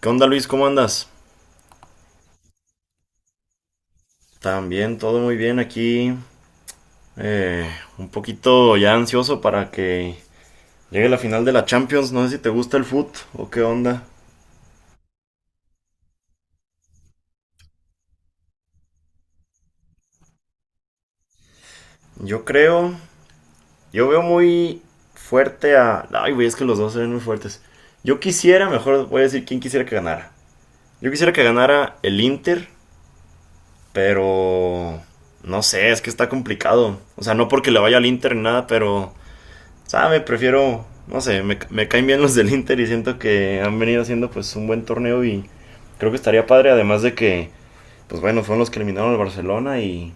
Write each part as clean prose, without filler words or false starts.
¿Qué onda, Luis? ¿Cómo andas? También todo muy bien aquí. eh, un poquito ya ansioso para que llegue la final de la Champions. No sé si te gusta el foot o qué onda. Yo creo, yo veo muy fuerte a... Ay, güey, es que los dos se ven muy fuertes. Yo quisiera, mejor voy a decir quién quisiera que ganara. Yo quisiera que ganara el Inter, pero... No sé, es que está complicado. O sea, no porque le vaya al Inter ni nada, pero sabe, prefiero, no sé, me caen bien los del Inter y siento que han venido haciendo pues un buen torneo y creo que estaría padre, además de que, pues bueno, fueron los que eliminaron al Barcelona y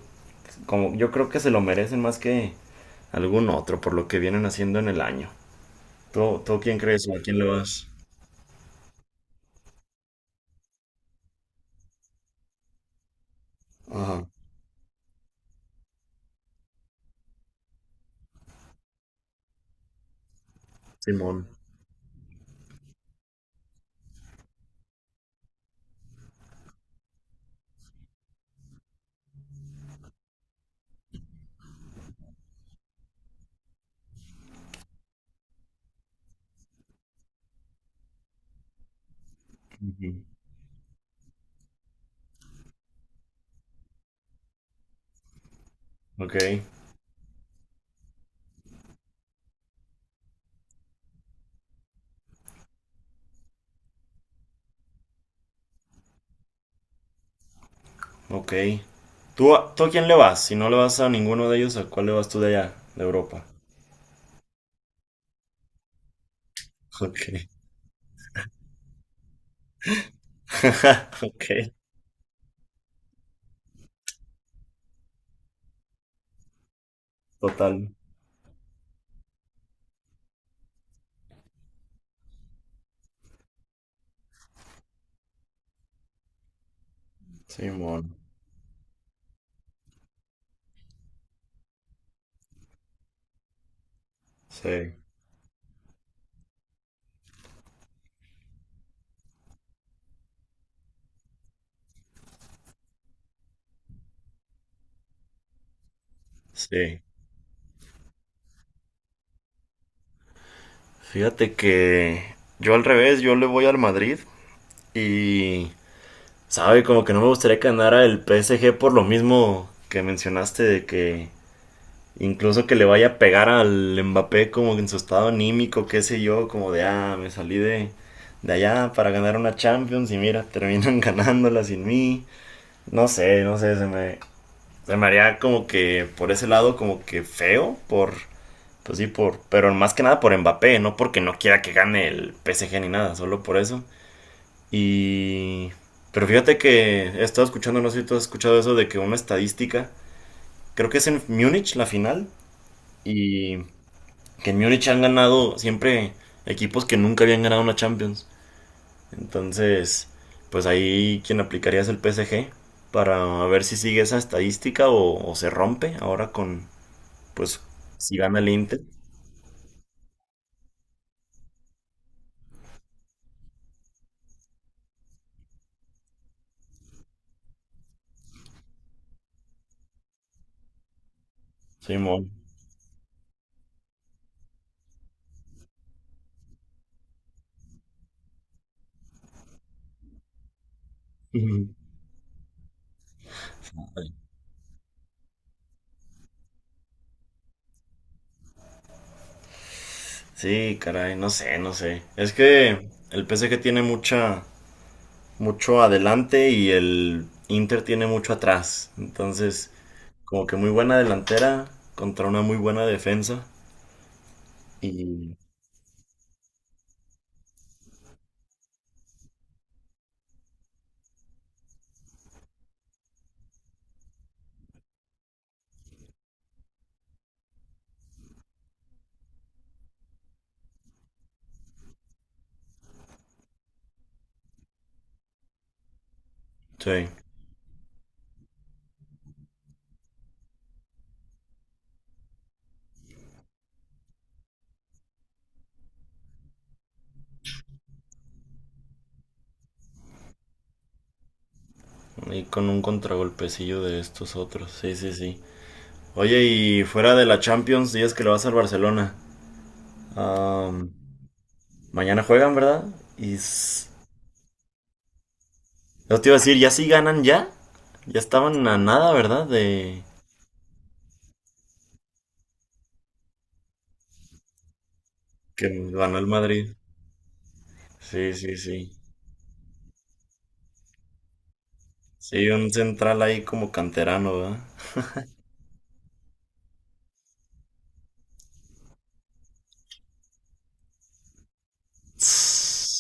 como yo creo que se lo merecen más que algún otro por lo que vienen haciendo en el año. ¿Tú quién crees o a quién le vas? Ajá. Simón. Ujú. Ok. Ok. ¿Tú a quién le vas? Si no le vas a ninguno de ellos, ¿a cuál le vas tú de allá, de Europa? Ok. Ok, total. Simón. Sí. Sí. Fíjate que yo al revés, yo le voy al Madrid y, sabe, como que no me gustaría que ganara el PSG por lo mismo que mencionaste de que incluso que le vaya a pegar al Mbappé como en su estado anímico, qué sé yo, como de, ah, me salí de allá para ganar una Champions y mira, terminan ganándola sin mí. No sé, no sé, se me haría como que por ese lado como que feo por. Pues sí, por, pero más que nada por Mbappé, no porque no quiera que gane el PSG ni nada, solo por eso. Y... Pero fíjate que he estado escuchando, no sé si tú has escuchado eso, de que una estadística, creo que es en Múnich la final, y que en Múnich han ganado siempre equipos que nunca habían ganado una Champions. Entonces, pues ahí quien aplicaría es el PSG para ver si sigue esa estadística o se rompe ahora con, pues, si gana el Inter. Simón. Sí, caray, no sé, no sé. Es que el PSG tiene mucha, mucho adelante y el Inter tiene mucho atrás. Entonces, como que muy buena delantera contra una muy buena defensa. Y sí, y con un contragolpecillo de estos otros. Sí, sí, sí. Oye, y fuera de la Champions, días que le vas al Barcelona. Am, Mañana juegan, ¿verdad? Y yo te iba a decir, ya sí ganan ya. Ya estaban a nada, ¿verdad? De que ganó el Madrid. Sí, sí, sí. Sí, un central ahí como canterano, ¿verdad? Tss.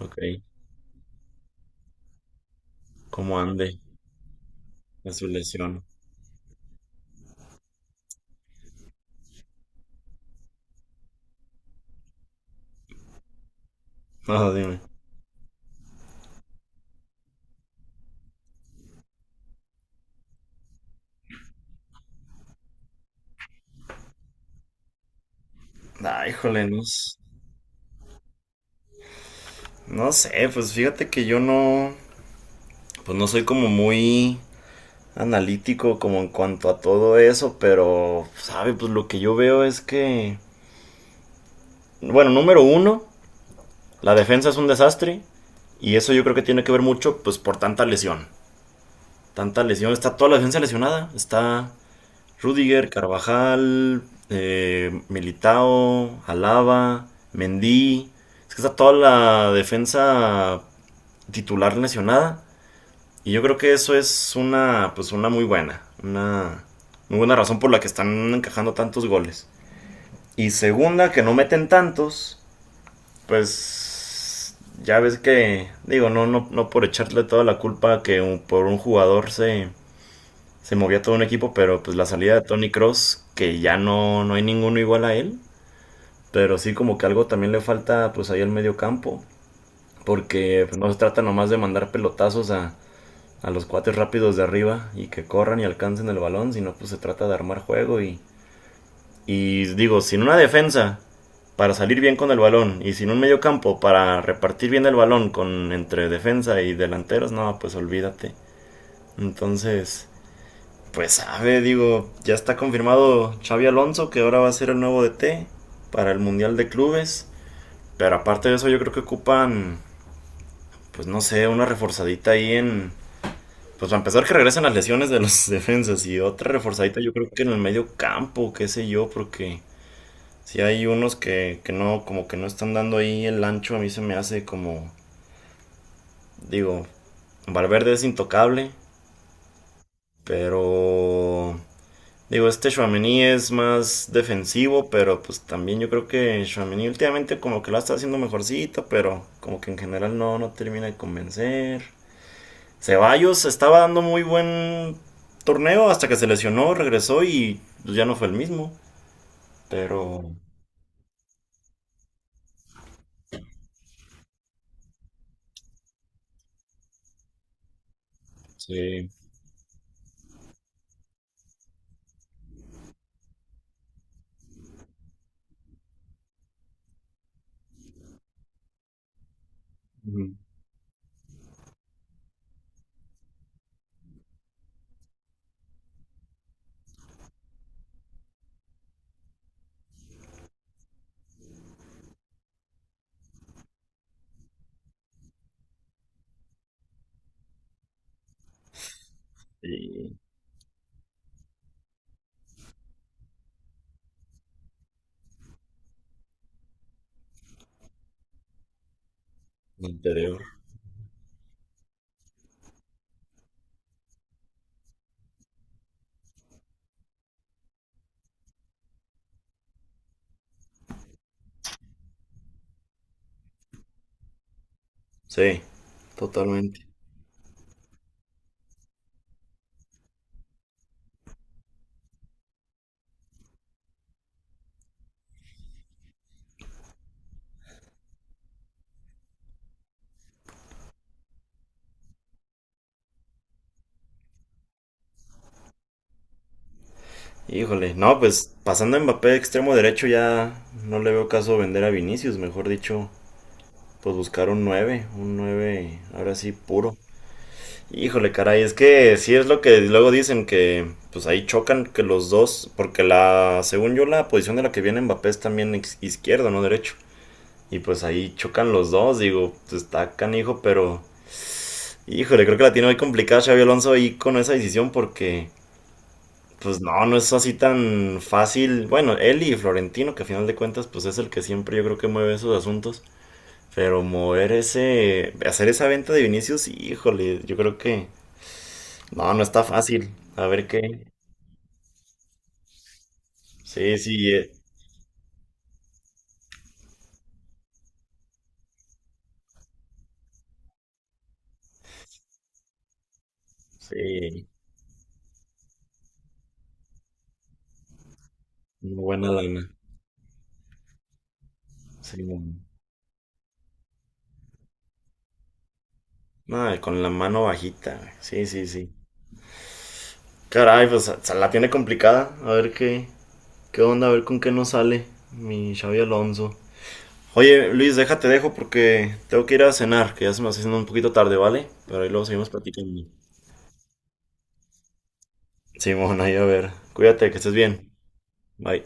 Ok, ¿cómo ande de su lesión? No, dime. Ay, híjole, no, no sé, pues fíjate que yo no, pues no soy como muy analítico como en cuanto a todo eso, pero, sabe, pues lo que yo veo es que, bueno, número uno, la defensa es un desastre y eso yo creo que tiene que ver mucho, pues por tanta lesión. Tanta lesión, está toda la defensa lesionada, está Rüdiger, Carvajal, Militao, Alaba, Mendy. Es que está toda la defensa titular lesionada. Y yo creo que eso es una, pues una muy buena. Una muy buena razón por la que están encajando tantos goles. Y segunda, que no meten tantos. Pues ya ves que, digo, no, no, no por echarle toda la culpa que por un jugador se movía todo un equipo, pero pues la salida de Tony Cross, que ya no, no hay ninguno igual a él, pero sí como que algo también le falta pues ahí al medio campo, porque pues, no se trata nomás de mandar pelotazos a los cuates rápidos de arriba y que corran y alcancen el balón, sino pues se trata de armar juego y digo, sin una defensa para salir bien con el balón y sin un medio campo para repartir bien el balón con entre defensa y delanteros, no, pues olvídate. Entonces, pues sabe, digo, ya está confirmado Xavi Alonso que ahora va a ser el nuevo DT para el Mundial de Clubes. Pero aparte de eso, yo creo que ocupan, pues no sé, una reforzadita ahí en. Pues para empezar, que regresen las lesiones de los defensas y otra reforzadita, yo creo que en el medio campo, qué sé yo, porque si hay unos que no, como que no están dando ahí el ancho, a mí se me hace como, digo, Valverde es intocable, pero digo, este Chouameni es más defensivo, pero pues también yo creo que Chouameni últimamente como que lo está haciendo mejorcito, pero como que en general no, no termina de convencer. Ceballos estaba dando muy buen torneo hasta que se lesionó, regresó y pues, ya no fue el mismo. Pero sí, ujú, y anterior. Sí, totalmente. Híjole, no, pues pasando a Mbappé de extremo derecho ya no le veo caso vender a Vinicius, mejor dicho, pues buscar un 9 ahora sí, puro. Híjole, caray, es que sí es lo que luego dicen que pues ahí chocan que los dos, porque la, según yo, la posición de la que viene Mbappé es también izquierdo, no derecho. Y pues ahí chocan los dos, digo, pues está canijo, pero híjole, creo que la tiene muy complicada Xavi Alonso ahí con esa decisión porque pues no, no es así tan fácil. Bueno, él y Florentino, que a final de cuentas pues es el que siempre yo creo que mueve esos asuntos. Pero mover ese, hacer esa venta de Vinicius, híjole, yo creo que no, no está fácil. A ver qué. Sí, sí, sí, una buena lana. Sí, mon. No, con la mano bajita, güey. Sí, sí, sí. Caray, pues se la tiene complicada. A ver qué, qué onda, a ver con qué nos sale mi Xavi Alonso. Oye, Luis, déjate dejo porque tengo que ir a cenar, que ya se me está haciendo un poquito tarde, ¿vale? Pero ahí luego seguimos platicando. Simón, ahí a ver. Cuídate, que estés bien. Bye.